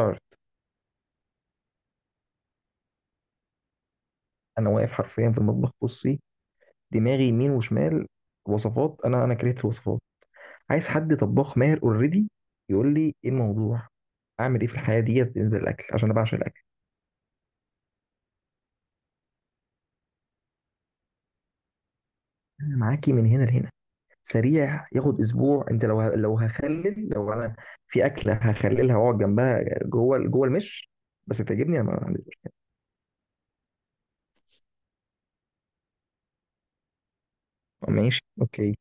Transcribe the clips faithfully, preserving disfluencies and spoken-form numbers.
حر. انا واقف حرفيا في المطبخ، بصي، دماغي يمين وشمال. وصفات، انا انا كرهت الوصفات. عايز حد طباخ ماهر اوريدي يقول لي ايه الموضوع، اعمل ايه في الحياه ديت بالنسبه للاكل، عشان انا بعشق الاكل. انا معاكي من هنا لهنا. سريع، ياخد اسبوع، انت لو لو هخلل، لو انا في اكله هخللها واقعد جنبها، جوه جوه المش بس تعجبني، انا ما عنديش. ماشي، اوكي.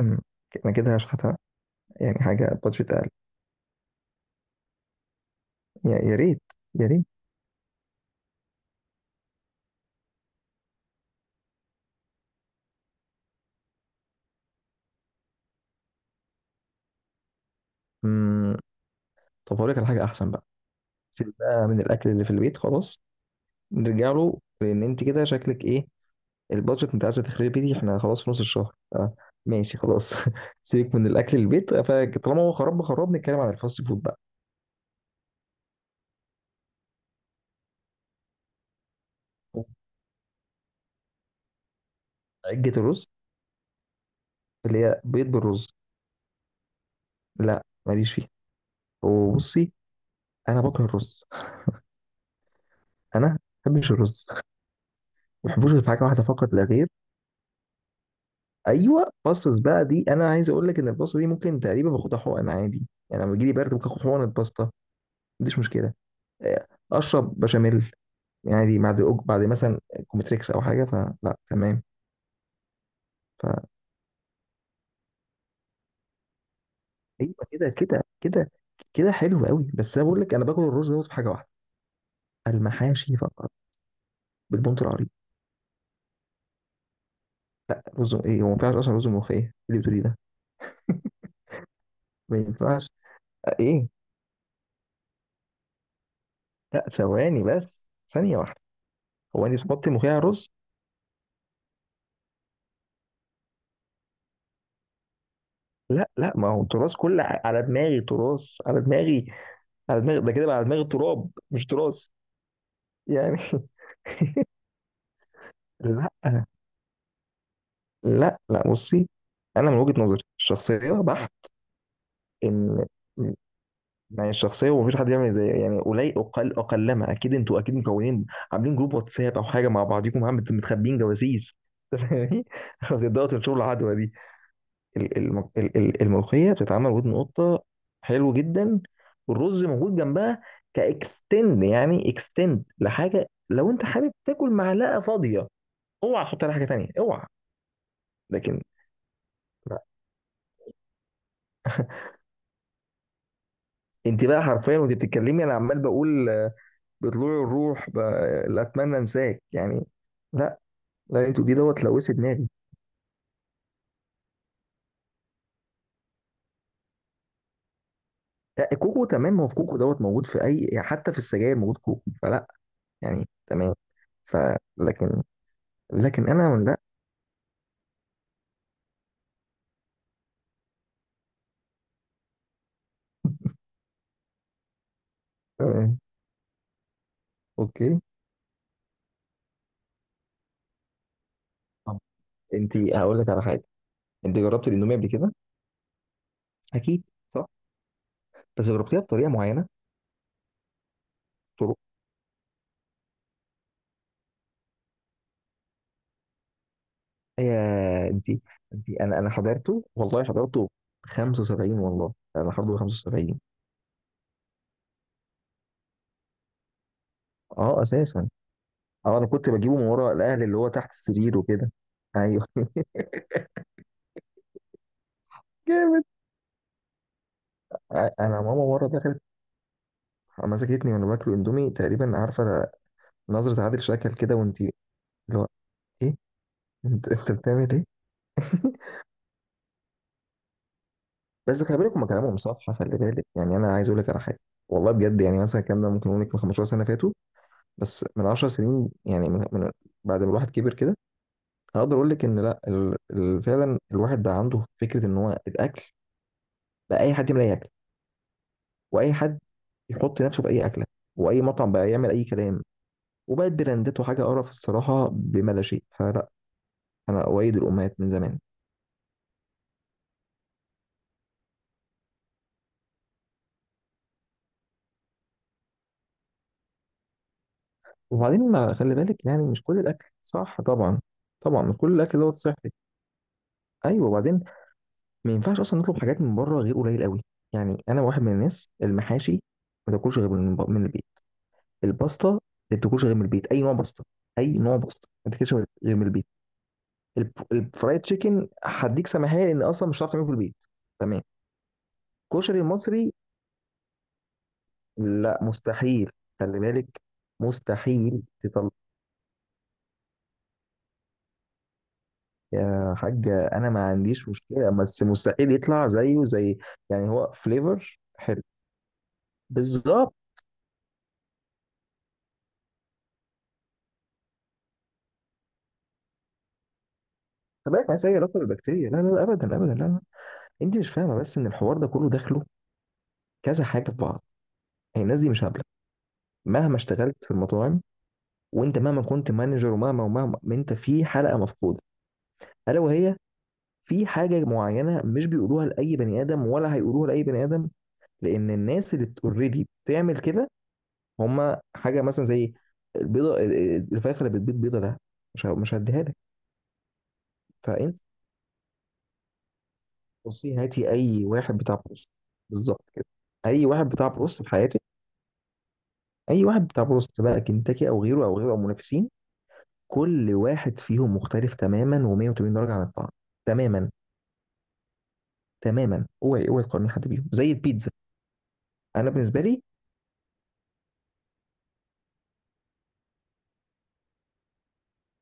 أم، انا كده هشحتها، يعني حاجه بادجت اقل. يا يا ريت. يا ريت. أم، طب هقول لك على حاجه احسن بقى. سيبها من الاكل اللي في البيت خلاص، نرجع له، لان انت كده شكلك ايه البادجت انت عايزه تخربي دي، احنا خلاص في نص الشهر. آه، ماشي خلاص. سيبك من الاكل البيت، فطالما هو خراب خراب نتكلم عن الفاست فود بقى. عجة الرز اللي هي بيض بالرز؟ لا، ماليش فيه. وبصي، انا بكره الرز، انا ما بحبش الرز، ما بحبوش غير في حاجه واحده فقط لا غير. ايوه، باستس بقى دي. انا عايز اقول لك ان الباستا دي ممكن تقريبا باخدها حقن عادي، يعني لما بيجي لي برد ممكن اخد حقنه باستا، ما عنديش مشكله. آه، اشرب بشاميل، يعني دي بعد أج- بعد مثلا كومتريكس او حاجه فلا، تمام. فايوه كده كده كده، كده حلو قوي. بس انا بقول لك، انا باكل الرز دوت في حاجه واحده، المحاشي فقط، بالبنط العريض. رز ايه؟ هو ما ينفعش اصلا رز ملوخيه، إيه اللي بتقولي ده، ما ينفعش. ايه؟ لا، ثواني بس، ثانيه واحده. هو انت بتحطي ملوخيه على الرز؟ لا لا، ما هو التراث كله ع- على دماغي، تراث على دماغي، على دماغي، ده كده بقى على دماغي تراب مش تراث، يعني. لا لا لا، بصي، انا من وجهة نظري الشخصيه بحت. ان إن- يعني الشخصيه، ومفيش حد يعمل زي، يعني قليل اقل اقلما، اكيد انتوا اكيد مكونين، عاملين جروب واتساب او حاجه مع بعضيكم، عم بت- متخبيين جواسيس. فاهماني؟ بتبداوا تنشروا العدوى دي. ال- الم- ال- ال- الملوخيه بتتعمل ودن قطه، حلو جدا، والرز موجود جنبها كاكستند، يعني اكستند لحاجه. لو انت حابب تاكل معلقه فاضيه اوعى تحط عليها حاجه تانيه، اوعى. لكن، انت بقى حرفيا وانت بتتكلمي انا عمال بقول آه، بطلوع الروح ب- لا، اتمنى انساك يعني. لا لا، انتوا دي دوت لوثت دماغي. لا، كوكو تمام، ما هو في كوكو دوت موجود في اي، يعني حتى في السجاير موجود كوكو فلا، يعني تمام. ف، لكن لكن انا، لا آه، اوكي. طب، انت هقول لك على حاجه، انت جربت الاندومي قبل كده؟ اكيد صح. بس جربتيها بطريقه معينه. طرق. يا انت انت انا انا حضرته، والله حضرته خمسة وسبعين، والله انا حضرته خمسه وسبعين. اه اساسا، اه انا كنت بجيبه من ورا الاهل، اللي هو تحت السرير وكده. ايوه. جامد. آه، انا ماما مره دخلت مسكتني وانا باكل اندومي. تقريبا عارفه نظره عادل شكل كده، وانت اللي هو ايه، انت انت بتعمل ايه. بس خلي بالك، هم كلامهم صح، خلي بالك. يعني انا عايز اقول لك على حاجه، والله بجد. يعني مثلا الكلام ده ممكن اقول لك من 15 سنه فاتوا، بس من 10 سنين، يعني من من بعد ما الواحد كبر كده، هقدر اقول لك ان لا، ال- ال- فعلا الواحد بقى عنده فكره ان هو الاكل، بقى اي حد يعمل اي اكل، واي حد يحط نفسه في اي اكله، واي مطعم بقى يعمل اي كلام، وبقت براندات وحاجه قرف الصراحه بما لا شيء فلا. انا اؤيد الامهات من زمان. وبعدين ما خلي بالك، يعني مش كل الاكل صح طبعا. طبعا مش كل الاكل دوت صحي. ايوه، وبعدين ما ينفعش اصلا نطلب حاجات من بره غير قليل قوي. يعني انا واحد من الناس، المحاشي ما تاكلش غير من من البيت، الباستا ما تاكلش غير من البيت، اي نوع باستا، اي نوع باستا ما تاكلش غير غير من البيت. الف- الفرايد تشيكن هديك سماحيه، لان اصلا مش هتعرف تعمله في البيت، تمام. الكشري المصري، لا مستحيل، خلي بالك، مستحيل تطلع. يا حاجة، أنا ما عنديش مشكلة، بس مستحيل يطلع زيه، زي، يعني هو فليفر حلو. بالظبط، خلي بالك، زي رطب البكتيريا. لا لا لا، أبدا أبدا، لا لا. أنت مش فاهمة بس إن الحوار ده كله داخله كذا حاجة في بعض، يعني الناس دي مش هبلة. مهما اشتغلت في المطاعم، وأنت مهما كنت مانجر، ومهما ومهما، ما أنت في حلقة مفقودة، ألا وهي في حاجة معينة مش بيقولوها لأي بني آدم، ولا هيقولوها لأي بني آدم، لأن الناس اللي أوريدي بتعمل كده. هما حاجه مثلا زي البيضه، الفراخ اللي بتبيض بيضه ده، مش ه- مش هديها لك. فانت بصي، هاتي اي واحد بتاع بروست، بالظبط كده، اي واحد بتاع بروست في حياتك، اي واحد بتاع بروست بقى، كنتاكي او غيره او غيره او منافسين، كل واحد فيهم مختلف تماما، و180 درجه عن الطعم. تماما، تماما، اوعي اوعي تقارني حد بيهم. زي البيتزا، انا بالنسبه لي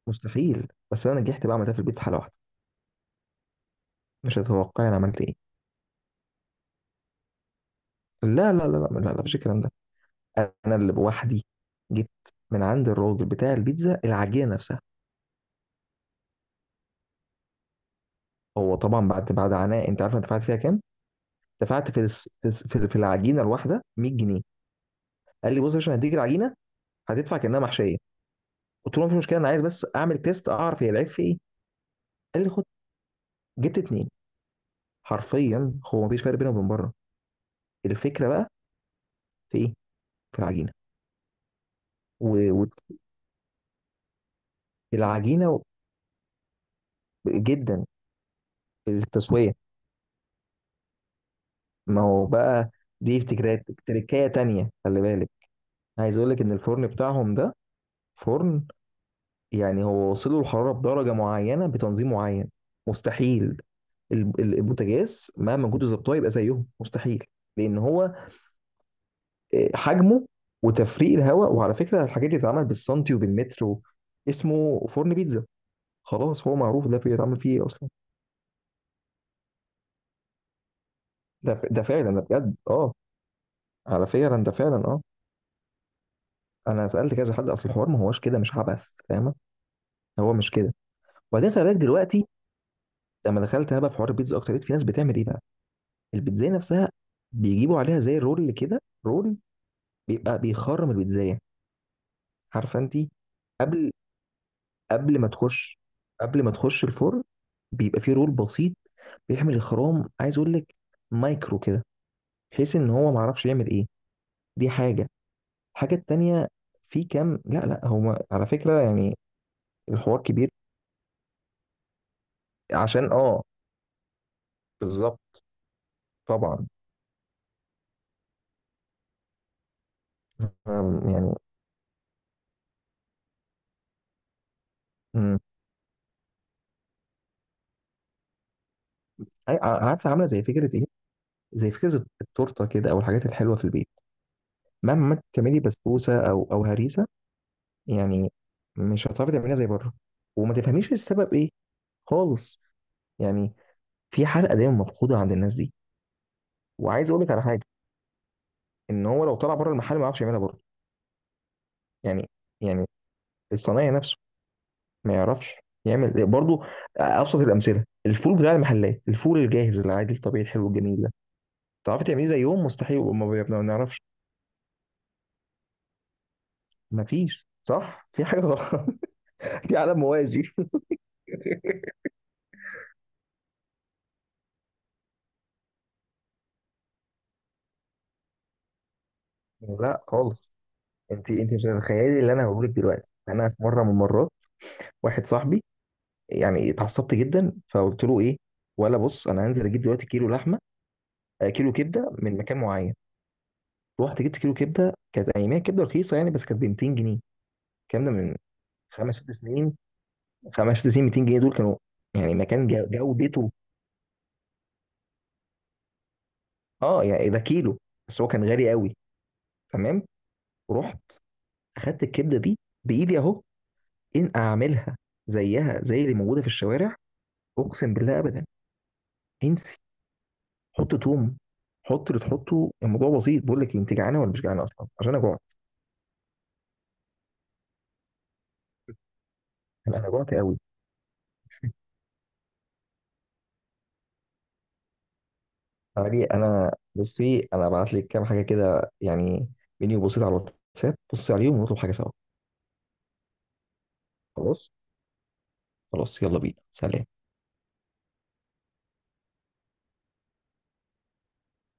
مستحيل، بس انا نجحت بقى، عملتها في البيت في حاله واحده. مش هتتوقعي انا عملت ايه. لا لا لا لا لا لا، مفيش الكلام ده. انا اللي بوحدي جبت من عند الراجل بتاع البيتزا العجينه نفسها. هو طبعا بعد بعد عناء، انت عارف انا دفعت فيها كام؟ دفعت في الس- في الس- في في العجينه الواحده مية جنيه. قال لي بص، عشان هديك العجينه هتدفع كانها محشيه. قلت له مفيش مشكله، انا عايز بس اعمل تيست، اعرف هي العيب في ايه. قال لي خد، جبت اتنين. حرفيا هو مفيش فرق بينه وبين بره. الفكره بقى في ايه؟ في العجينه و- والعجينه و- جدا، في التسويه. ما هو بقى دي افتكارات تركايه تانيه، خلي بالك. عايز اقول لك ان الفرن بتاعهم ده فرن، يعني هو وصله الحرارة بدرجة معينة بتنظيم معين، مستحيل ال- ال- البوتاجاز مهما كنت ظبطه يبقى زيهم، مستحيل، لان هو آه، حجمه وتفريق الهواء، وعلى فكره الحاجات دي بتتعمل بالسنتي وبالمتر، و- اسمه فرن بيتزا، خلاص، هو معروف ده بيتعمل فيه ايه اصلا. ده ف- ده فعلا، ده بجد، اه على فعلا، ده فعلا، اه. انا سالت كذا حد، اصل الحوار ما هوش كده، مش عبث فاهمه، هو مش كده. وبعدين خلي بالك دلوقتي لما دخلت انا بقى في حوار البيتزا اكتر، لقيت في ناس بتعمل ايه بقى، البيتزاية نفسها بيجيبوا عليها زي رول كده، رول بيبقى بيخرم البيتزاية، عارفة انت، قبل قبل ما تخش قبل ما تخش الفرن بيبقى فيه رول بسيط بيعمل الخرام. عايز اقول لك مايكرو كده، بحيث ان هو ما عرفش يعمل ايه. دي حاجة، الحاجة التانية في كام، لا لا، هو على فكرة، يعني الحوار كبير، عشان اه، بالظبط، طبعا. أم، يعني. أم. عارفة، عاملة زي فكرة ايه، زي فكرة التورتة كده او الحاجات الحلوة في البيت، مهما تعملي بسبوسه او او هريسه يعني، مش هتعرفي تعمليها زي بره، وما تفهميش السبب ايه خالص، يعني في حلقه دايما مفقوده عند الناس دي. وعايز اقول لك على حاجه، ان هو لو طلع بره المحل ما يعرفش يعملها برضه. يعني يعني الصنايعي نفسه ما يعرفش يعمل برضه. ابسط الامثله، الفول بتاع المحلات، الفول الجاهز العادي الطبيعي الحلو الجميل ده تعرفي تعمليه زيهم؟ مستحيل، وما بي- ما بنعرفش. ما فيش، صح، في حاجه غلط. في عالم موازي. لا خالص، انت انت مش متخيلي اللي انا بقوله دلوقتي. انا في مره من المرات، واحد صاحبي، يعني اتعصبت جدا فقلت له ايه ولا، بص انا هنزل اجيب دلوقتي كيلو لحمه، آه، كيلو كبده من مكان معين. رحت جبت كيلو كبده، كانت اياميها كبده رخيصه يعني، بس كانت ب ميتين جنيه. الكلام ده من خمس ست سنين، خمس ست سنين، ميتين جنيه دول كانوا يعني مكان، جا- جودته. اه يعني ده كيلو، بس هو كان غالي قوي، تمام. رحت اخدت الكبده دي بايدي اهو، ان اعملها زيها زي اللي موجوده في الشوارع، اقسم بالله ابدا. انسي، حط توم، حط اللي تحطه، الموضوع بسيط. بقول لك إيه، انت جعانه ولا مش جعانه؟ اصلا عشان انا جوعت، انا أنا جوعت قوي. تعالي، انا بصي، انا ابعت لك كام حاجه كده، يعني منيو بسيط على الواتساب، بصي عليهم ونطلب حاجه سوا. خلاص، خلاص، يلا بينا، سلام.